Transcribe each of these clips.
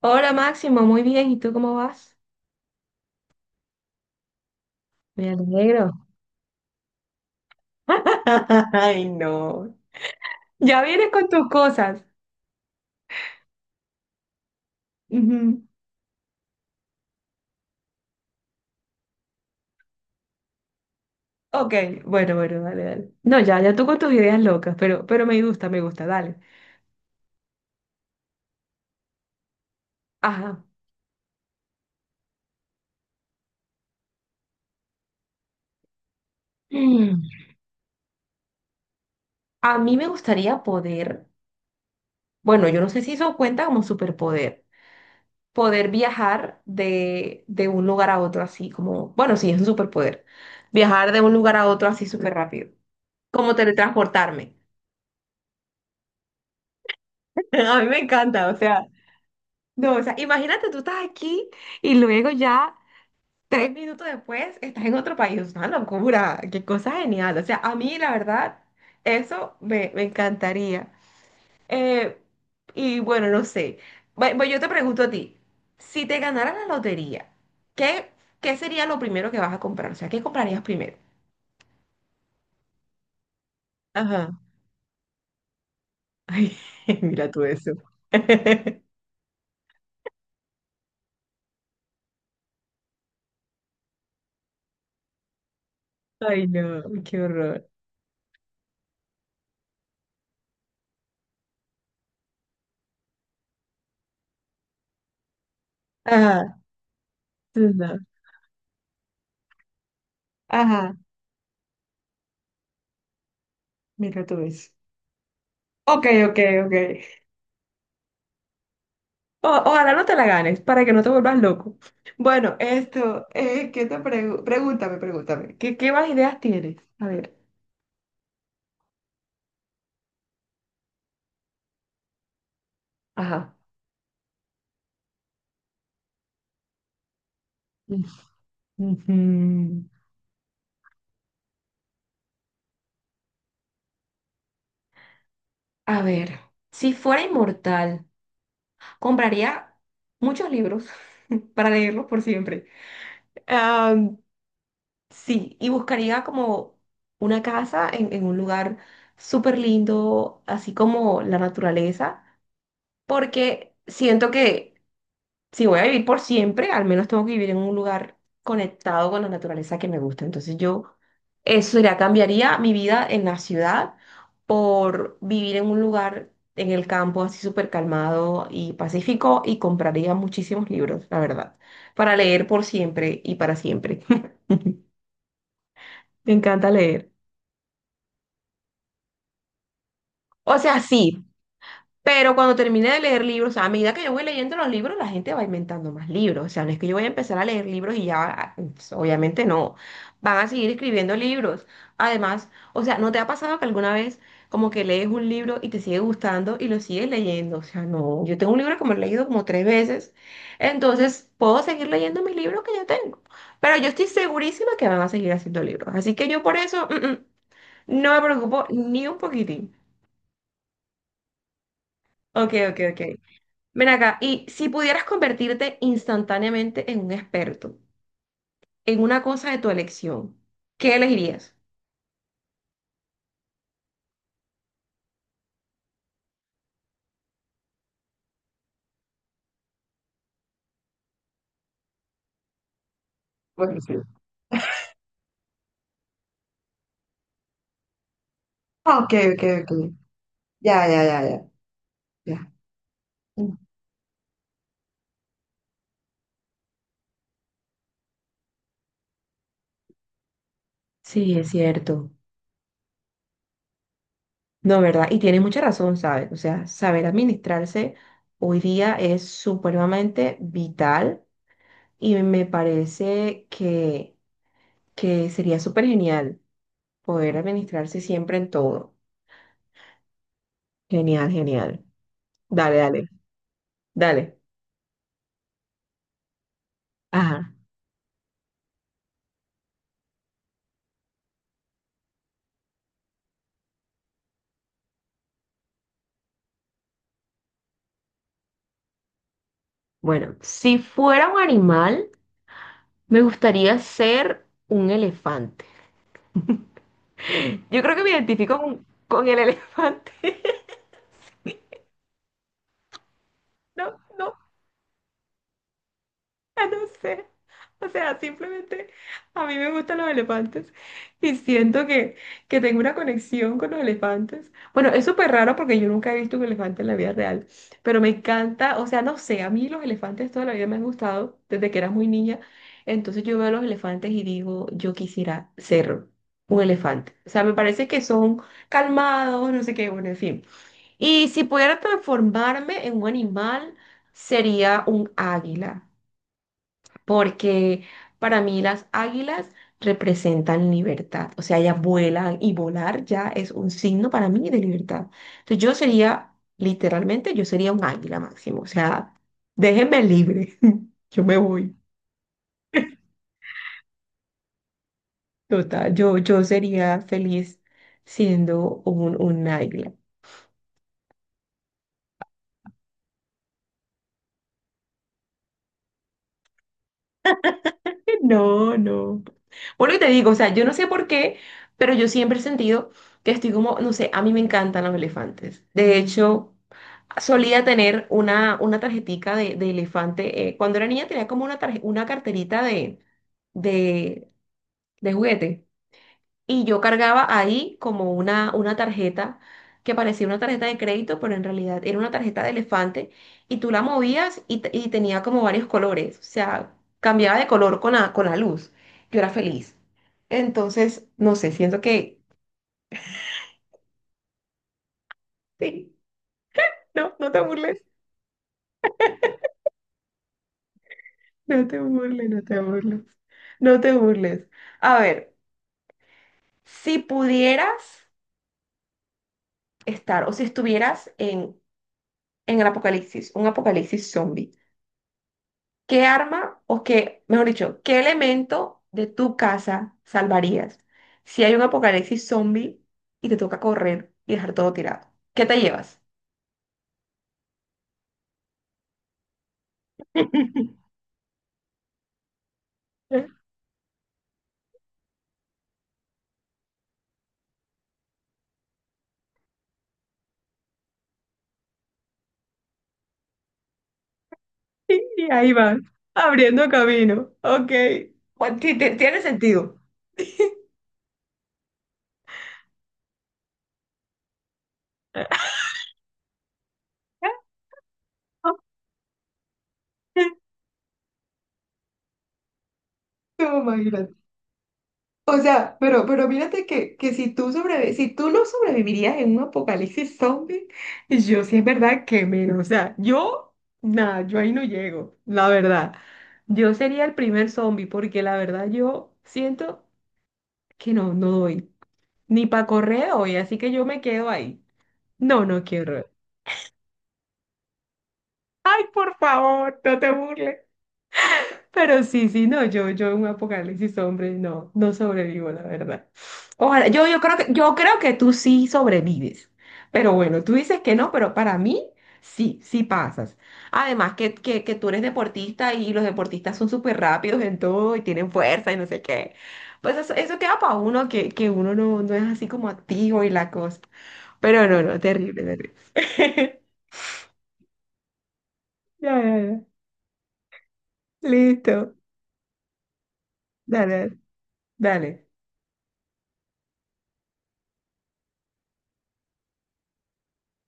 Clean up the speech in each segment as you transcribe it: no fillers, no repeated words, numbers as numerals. Hola Máximo, muy bien. ¿Y tú cómo vas? Me alegro. Ay, no. Ya vienes con tus cosas. Ujú. Ok, bueno, bueno, dale, dale. No, ya, ya tú con tus ideas locas, pero me gusta, dale. Ajá. Mm. A mí me gustaría poder, bueno, yo no sé si eso cuenta como superpoder, poder viajar de un lugar a otro así, como, bueno, sí, es un superpoder. Viajar de un lugar a otro así súper rápido, como teletransportarme. A mí me encanta, o sea. No, o sea, imagínate, tú estás aquí y luego ya 3 minutos después estás en otro país. Es una locura, qué cosa genial. O sea, a mí la verdad, eso me encantaría. Eh, y bueno, no sé. Bueno, yo te pregunto a ti, si te ganara la lotería, ¿qué, qué sería lo primero que vas a comprar? O sea, ¿qué comprarías primero? Ajá. Ay, mira tú eso. Ay, no, qué horror. Ajá, no. Ajá, mira tú eso. Ok, ok, ok. Ojalá no te la ganes para que no te vuelvas loco. Bueno, esto, ¿qué te pregúntame, pregúntame. ¿Qué más ideas tienes? A ver. Ajá. Ujú. A ver, si fuera inmortal, compraría muchos libros para leerlos por siempre. Am, sí, y buscaría como una casa en un lugar súper lindo, así como la naturaleza, porque siento que si voy a vivir por siempre, al menos tengo que vivir en un lugar conectado con la naturaleza que me gusta. Entonces yo, eso ya cambiaría mi vida en la ciudad por vivir en un lugar en el campo así súper calmado y pacífico, y compraría muchísimos libros, la verdad, para leer por siempre y para siempre. Me encanta leer. O sea, sí, pero cuando termine de leer libros, o sea, a medida que yo voy leyendo los libros, la gente va inventando más libros. O sea, no es que yo voy a empezar a leer libros y ya, ah, pues, obviamente no. Van a seguir escribiendo libros. Además, o sea, ¿no te ha pasado que alguna vez como que lees un libro y te sigue gustando y lo sigues leyendo? O sea, no. Yo tengo un libro que me lo he leído como 3 veces. Entonces, puedo seguir leyendo mis libros que yo tengo. Pero yo estoy segurísima que van a seguir haciendo libros. Así que yo por eso, no me preocupo ni un poquitín. Ok, ok, ok. Ven acá, y si pudieras convertirte instantáneamente en un experto, en una cosa de tu elección, ¿qué elegirías? Ah, ok, ok, ok. Ya, ya, ya, ya, ya. Mm. Sí, es cierto. No, ¿verdad? Y tienes mucha razón, ¿sabes? O sea, saber administrarse hoy día es supremamente vital y me parece que sería súper genial poder administrarse siempre en todo. Genial, genial. Dale, dale, dale. Ajá. Bueno, si fuera un animal, me gustaría ser un elefante. Yo creo que me identifico con el elefante. No, no. No sé. O sea, simplemente a mí me gustan los elefantes y siento que tengo una conexión con los elefantes. Bueno, es súper raro porque yo nunca he visto un elefante en la vida real, pero me encanta, o sea, no sé, a mí los elefantes toda la vida me han gustado desde que era muy niña. Entonces yo veo a los elefantes y digo, yo quisiera ser un elefante. O sea, me parece que son calmados, no sé qué, bueno, en fin. Y si pudiera transformarme en un animal, sería un águila porque para mí las águilas representan libertad, o sea, ellas vuelan y volar ya es un signo para mí de libertad. Entonces yo sería, literalmente, yo sería un águila, Máximo, o sea, déjenme libre, yo me voy, total, yo sería feliz siendo un águila. No, no. Bueno, y te digo, o sea, yo no sé por qué, pero yo siempre he sentido que estoy como, no sé, a mí me encantan los elefantes. De hecho, solía tener una tarjetica de elefante. Cuando era niña tenía como una carterita de, de juguete. Y yo cargaba ahí como una tarjeta que parecía una tarjeta de crédito, pero en realidad era una tarjeta de elefante. Y tú la movías y tenía como varios colores. O sea, cambiaba de color con la luz. Yo era feliz. Entonces, no sé, siento que... Sí, no, no te burles. No te burles, no te burles. No te burles. A ver. Si pudieras estar o si estuvieras en el apocalipsis, un apocalipsis zombie, ¿qué arma o qué, mejor dicho, qué elemento de tu casa salvarías si hay un apocalipsis zombie y te toca correr y dejar todo tirado? ¿Qué te llevas? Y ahí va, abriendo camino. Ok. Bueno, tiene sentido. Tú, imagínate. O sea, pero mírate que si tú si tú no sobrevivirías en un apocalipsis zombie, yo sí es verdad que menos. O sea, yo, nada, yo ahí no llego, la verdad. Yo sería el primer zombie porque la verdad yo siento que no, no doy. Ni para correr hoy, así que yo me quedo ahí. No, no quiero. Ay, por favor, no te burles. Pero sí, sí, no, yo en un apocalipsis hombre, no, no sobrevivo, la verdad. Ojalá, yo creo que tú sí sobrevives. Pero bueno, tú dices que no, pero para mí sí, sí pasas. Además que tú eres deportista y los deportistas son súper rápidos en todo y tienen fuerza y no sé qué. Pues eso queda para uno, que uno no, no es así como activo y la cosa. Pero no, no, terrible, terrible. Ya, ya, ya. Listo. Dale, dale.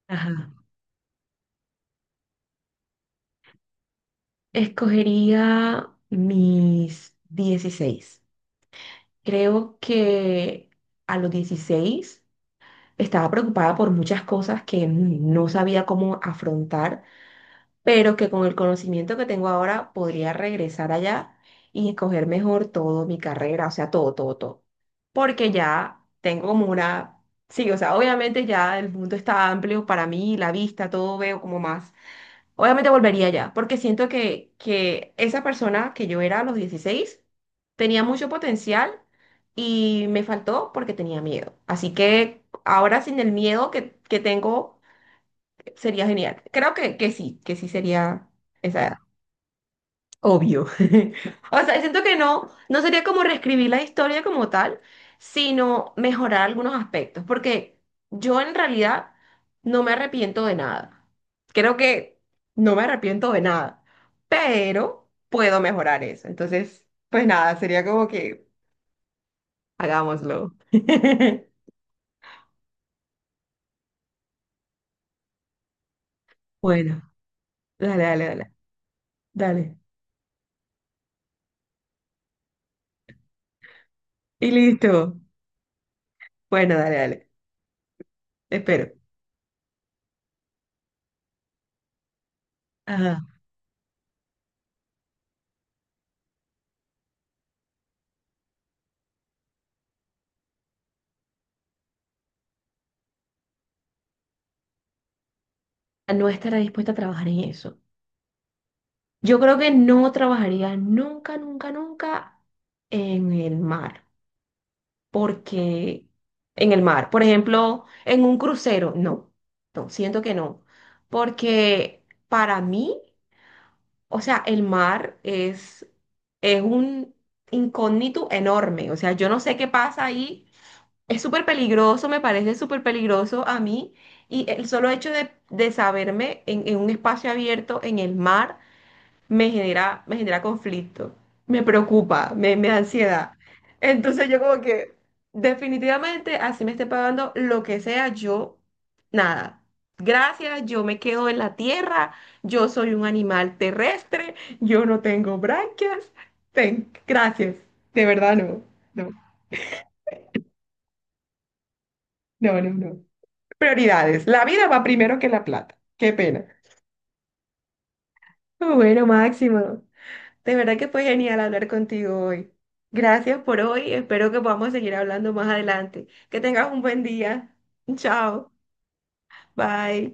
Ajá. Escogería mis 16. Creo que a los 16 estaba preocupada por muchas cosas que no sabía cómo afrontar, pero que con el conocimiento que tengo ahora podría regresar allá y escoger mejor todo mi carrera, o sea, todo, todo, todo. Porque ya tengo como una... Sí, o sea, obviamente ya el mundo está amplio para mí, la vista, todo veo como más. Obviamente volvería allá porque siento que esa persona que yo era a los 16 tenía mucho potencial y me faltó porque tenía miedo. Así que ahora sin el miedo que tengo sería genial. Creo que sí sería esa edad. Obvio. O sea, siento que no, no sería como reescribir la historia como tal, sino mejorar algunos aspectos, porque yo en realidad no me arrepiento de nada. Creo que no me arrepiento de nada, pero puedo mejorar eso. Entonces, pues nada, sería como que hagámoslo. Bueno, dale, dale, dale, dale. Y listo. Bueno, dale, dale. Espero. Ajá. No estará dispuesta a trabajar en eso. Yo creo que no trabajaría nunca, nunca, nunca en el mar, porque en el mar, por ejemplo, en un crucero, no, no, siento que no, porque para mí, o sea, el mar es un incógnito enorme, o sea, yo no sé qué pasa ahí, es súper peligroso, me parece súper peligroso a mí, y el solo hecho de saberme en un espacio abierto en el mar, me genera conflicto, me preocupa, me da ansiedad. Entonces yo como que definitivamente así me esté pagando lo que sea, yo nada. Gracias, yo me quedo en la tierra, yo soy un animal terrestre, yo no tengo branquias. Ten, gracias, de verdad no, no, no, no, no. Prioridades, la vida va primero que la plata, qué pena. Bueno, Máximo. De verdad que fue genial hablar contigo hoy. Gracias por hoy. Espero que podamos seguir hablando más adelante. Que tengas un buen día. Chao. Bye.